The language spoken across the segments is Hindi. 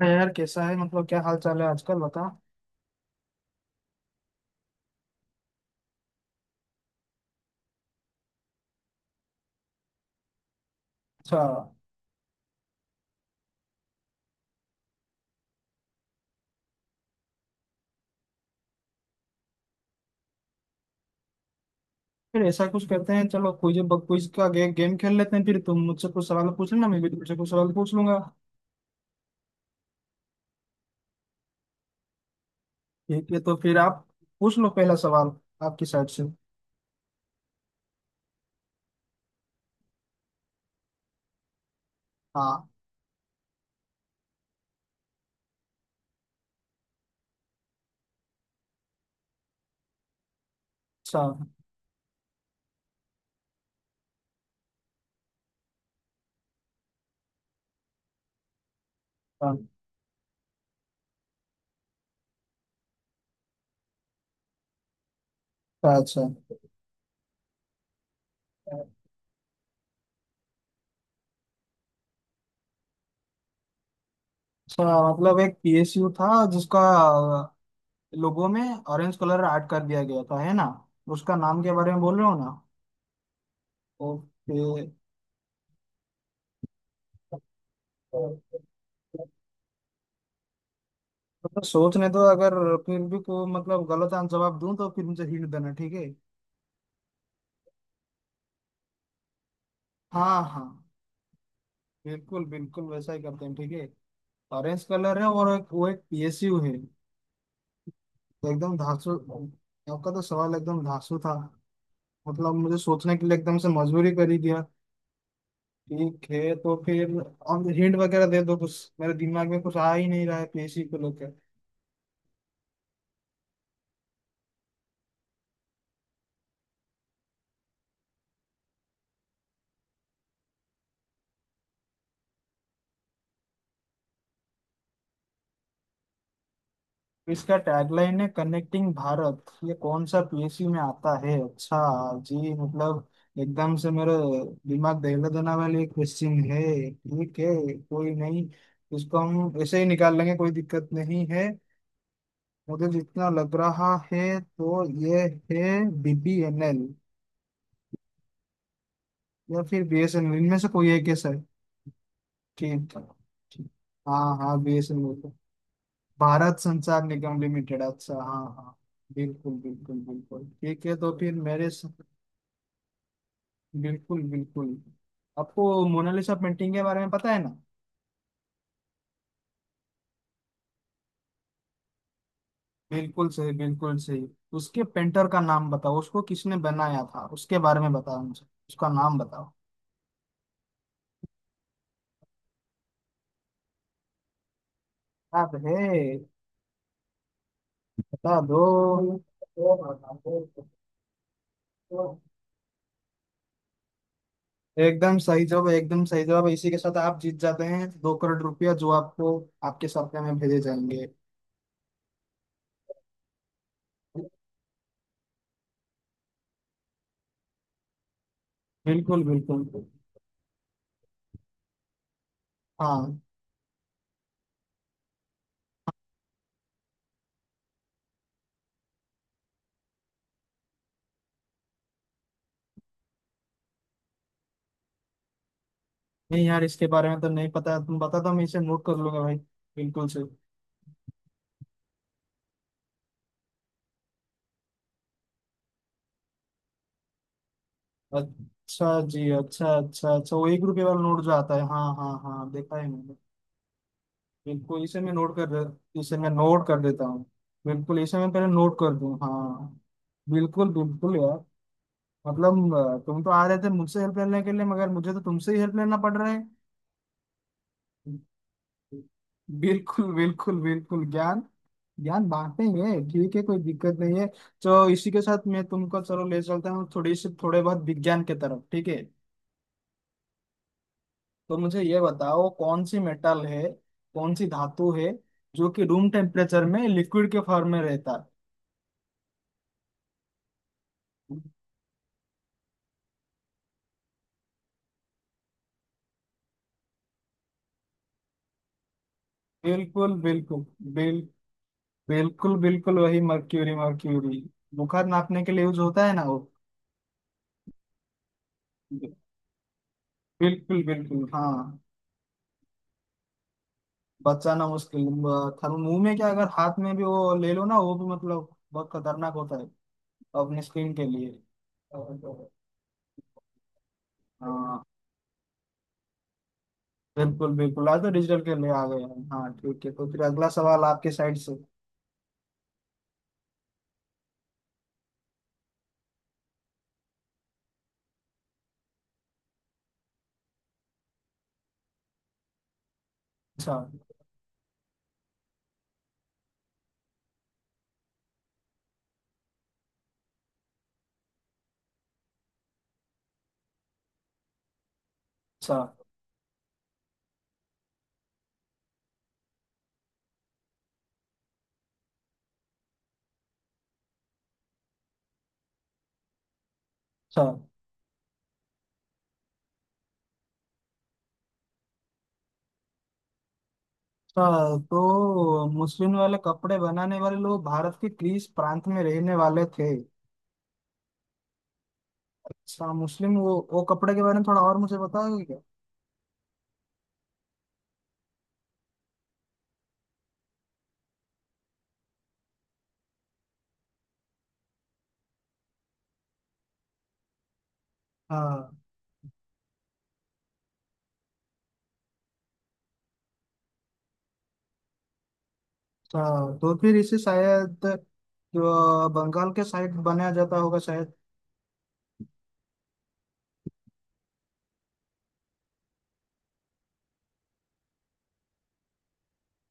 हाँ यार कैसा है मतलब क्या हाल चाल है आजकल बता। अच्छा। फिर ऐसा कुछ करते हैं चलो क्विज क्विज का गेम खेल लेते हैं फिर तुम मुझसे कुछ सवाल पूछ लेना मैं भी तुमसे कुछ सवाल पूछ लूंगा। ठीक है तो फिर आप पूछ लो पहला सवाल आपकी साइड से। हाँ। अच्छा हाँ, अच्छा अच्छा अच्छा, मतलब एक पीएसयू था जिसका लोगो में ऑरेंज कलर ऐड कर दिया गया था है ना। उसका नाम के बारे में बोल रहे हो ना। ओके। मतलब सोचने दो अगर फिर भी को मतलब गलत आंसर जवाब दूं तो फिर मुझे हिंट देना ठीक है। हाँ हाँ बिल्कुल बिल्कुल वैसा ही करते हैं ठीक है। ऑरेंज कलर है और एक वो एक पीएसयू है तो एकदम धांसू। आपका तो सवाल एकदम धांसू था। मतलब मुझे सोचने के लिए एकदम से मजबूरी कर ही दिया। ठीक है तो फिर अब हिंट वगैरह दे दो कुछ मेरे दिमाग में कुछ आ ही नहीं रहा है पीएसयू को लेकर। इसका टैगलाइन है कनेक्टिंग भारत ये कौन सा पीएसयू में आता है अच्छा जी। मतलब एकदम से मेरा दिमाग दहला देने वाली क्वेश्चन है। ठीक है कोई नहीं। इसको हम ऐसे ही निकाल लेंगे कोई दिक्कत नहीं है। मुझे जितना लग रहा है तो ये है बीबीएनएल या फिर बीएसएनएल इनमें से कोई है क्या सर। ठीक है, ठीक। हाँ हाँ बीएसएनएल। भारत संचार निगम लिमिटेड अच्छा हाँ हाँ। बिल्कुल बिल्कुल बिल्कुल ठीक है तो फिर बिल्कुल बिल्कुल। आपको मोनालिसा पेंटिंग के बारे में पता है ना। बिल्कुल सही बिल्कुल सही। उसके पेंटर का नाम बताओ उसको किसने बनाया था उसके बारे में बताओ मुझे उसका नाम बताओ। याद है बता दो। एकदम सही जवाब इसी के साथ आप जीत जाते हैं 2 करोड़ रुपया जो आपको आपके सप्ते में भेजे जाएंगे। बिल्कुल बिल्कुल हाँ। नहीं यार इसके बारे में तो नहीं पता तुम बता दो मैं इसे नोट कर लूंगा भाई। बिल्कुल से। अच्छा जी अच्छा अच्छा अच्छा वो 1 रुपये वाला नोट जो आता है हाँ हाँ हाँ देखा है मैंने। बिल्कुल इसे मैं इसे मैं नोट कर देता हूँ। बिल्कुल इसे मैं पहले नोट कर दूँ हाँ। बिल्कुल बिल्कुल यार। मतलब तुम तो आ रहे थे मुझसे हेल्प लेने के लिए मगर मुझे तो तुमसे ही हेल्प लेना पड़ रहा है। बिल्कुल बिल्कुल बिल्कुल ज्ञान ज्ञान बांटेंगे। ठीक है कोई दिक्कत नहीं है। तो इसी के साथ मैं तुमको चलो ले चलता हूँ थोड़ी सी थोड़े बहुत विज्ञान के तरफ ठीक है। तो मुझे ये बताओ कौन सी मेटल है कौन सी धातु है जो कि रूम टेम्परेचर में लिक्विड के फॉर्म में रहता है। बिल्कुल बिल्कुल। बिल बिल्कुल बिल्कुल वही मर्क्यूरी मर्क्यूरी। बुखार नापने के लिए यूज होता है ना वो। बिल्कुल बिल्कुल हाँ। बचाना मुश्किल। थर्मो मुंह में क्या अगर हाथ में भी वो ले लो ना वो भी मतलब बहुत खतरनाक होता है। अपनी स्क्रीन के लिए। हाँ। बिल्कुल बिल्कुल आज तो डिजिटल के लिए आ गए हैं हाँ ठीक है तो फिर अगला सवाल आपके साइड से। अच्छा। अच्छा अच्छा अच्छा तो मुस्लिम वाले कपड़े बनाने वाले लोग भारत के ग्रीस प्रांत में रहने वाले थे। अच्छा मुस्लिम वो कपड़े के बारे में थोड़ा और मुझे बताओगे क्या। हाँ। अच्छा तो फिर इसे शायद जो बंगाल के साइड बनाया जाता होगा शायद।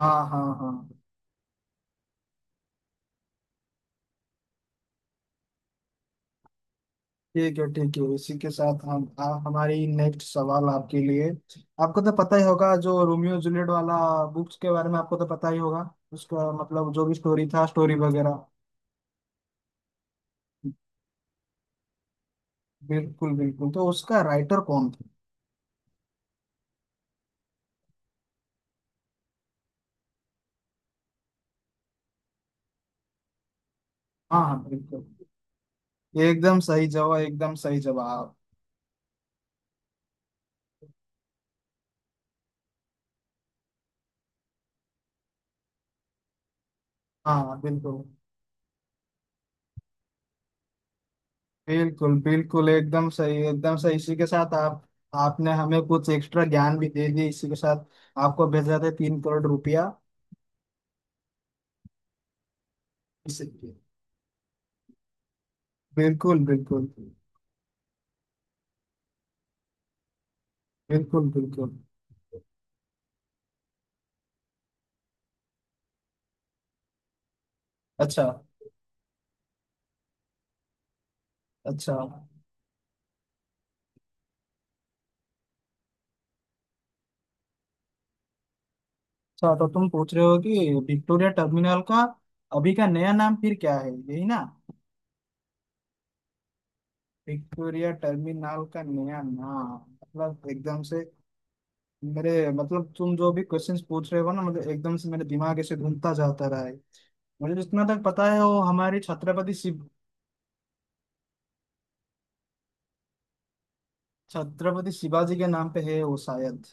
हाँ हाँ हाँ। ठीक है इसी के साथ हम हमारी नेक्स्ट सवाल आपके लिए। आपको तो पता ही होगा जो रोमियो जूलियट वाला बुक्स के बारे में आपको तो पता ही होगा। उसका मतलब जो भी स्टोरी था स्टोरी वगैरह। बिल्कुल बिल्कुल तो उसका राइटर कौन था। हाँ हाँ बिल्कुल। ये एकदम सही जवाब एकदम सही जवाब। हाँ हाँ, बिल्कुल। बिल्कुल बिल्कुल एकदम सही इसी के साथ आप। आपने हमें कुछ एक्स्ट्रा ज्ञान भी दे दिया इसी के साथ। आपको भेजा था 3 करोड़ रुपया। इसी। बिल्कुल बिल्कुल बिल्कुल बिल्कुल। अच्छा अच्छा अच्छा तो तुम पूछ रहे हो कि विक्टोरिया टर्मिनल का अभी का नया नाम फिर क्या है यही ना। विक्टोरिया टर्मिनल का नया नाम मतलब एकदम से मेरे मतलब तुम जो भी क्वेश्चंस पूछ रहे हो ना मतलब एकदम से मेरे दिमाग ऐसे घूमता जाता रहा है। मुझे जितना तक पता है वो हमारे छत्रपति शिवाजी के नाम पे है वो शायद।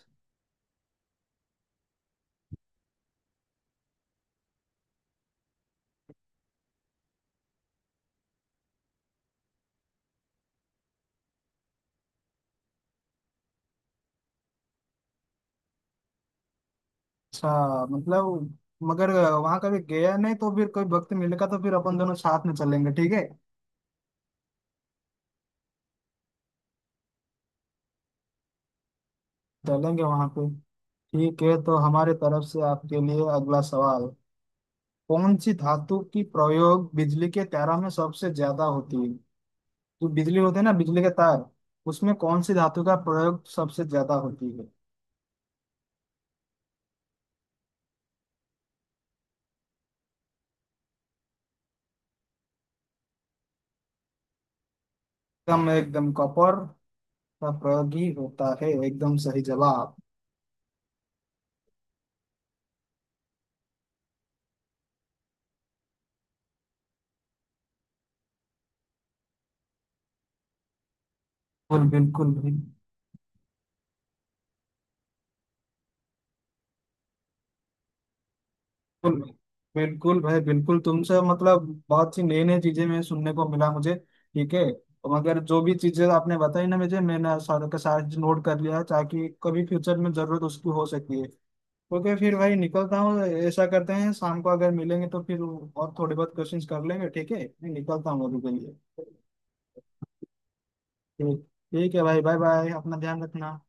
अच्छा। मतलब मगर वहां कभी गया नहीं तो फिर कोई वक्त मिलेगा तो फिर अपन दोनों साथ में चलेंगे ठीक है। चलेंगे वहां पे। ठीक है तो हमारे तरफ से आपके लिए अगला सवाल कौन सी धातु की प्रयोग बिजली के तारों में सबसे ज्यादा होती है। जो बिजली होते हैं ना बिजली के तार उसमें कौन सी धातु का प्रयोग सबसे ज्यादा होती है। एकदम एकदम कॉपर का प्रयोग ही होता है एकदम सही जवाब। बिल्कुल बिल्कुल भी। बिल्कुल बिल्कुल भाई बिल्कुल तुमसे मतलब बहुत सी नई नई चीजें मैं सुनने को मिला मुझे ठीक है। मगर जो भी चीजें आपने बताई ना मुझे मैंने सारे के सारे नोट कर लिया ताकि कभी फ्यूचर में जरूरत उसकी हो सकती है। ओके फिर भाई निकलता हूँ। ऐसा करते हैं शाम को अगर मिलेंगे तो फिर और थोड़े बहुत क्वेश्चंस कर लेंगे ठीक है मैं निकलता हूँ अभी के लिए। ठीक ठीक है भाई बाय बाय अपना ध्यान रखना।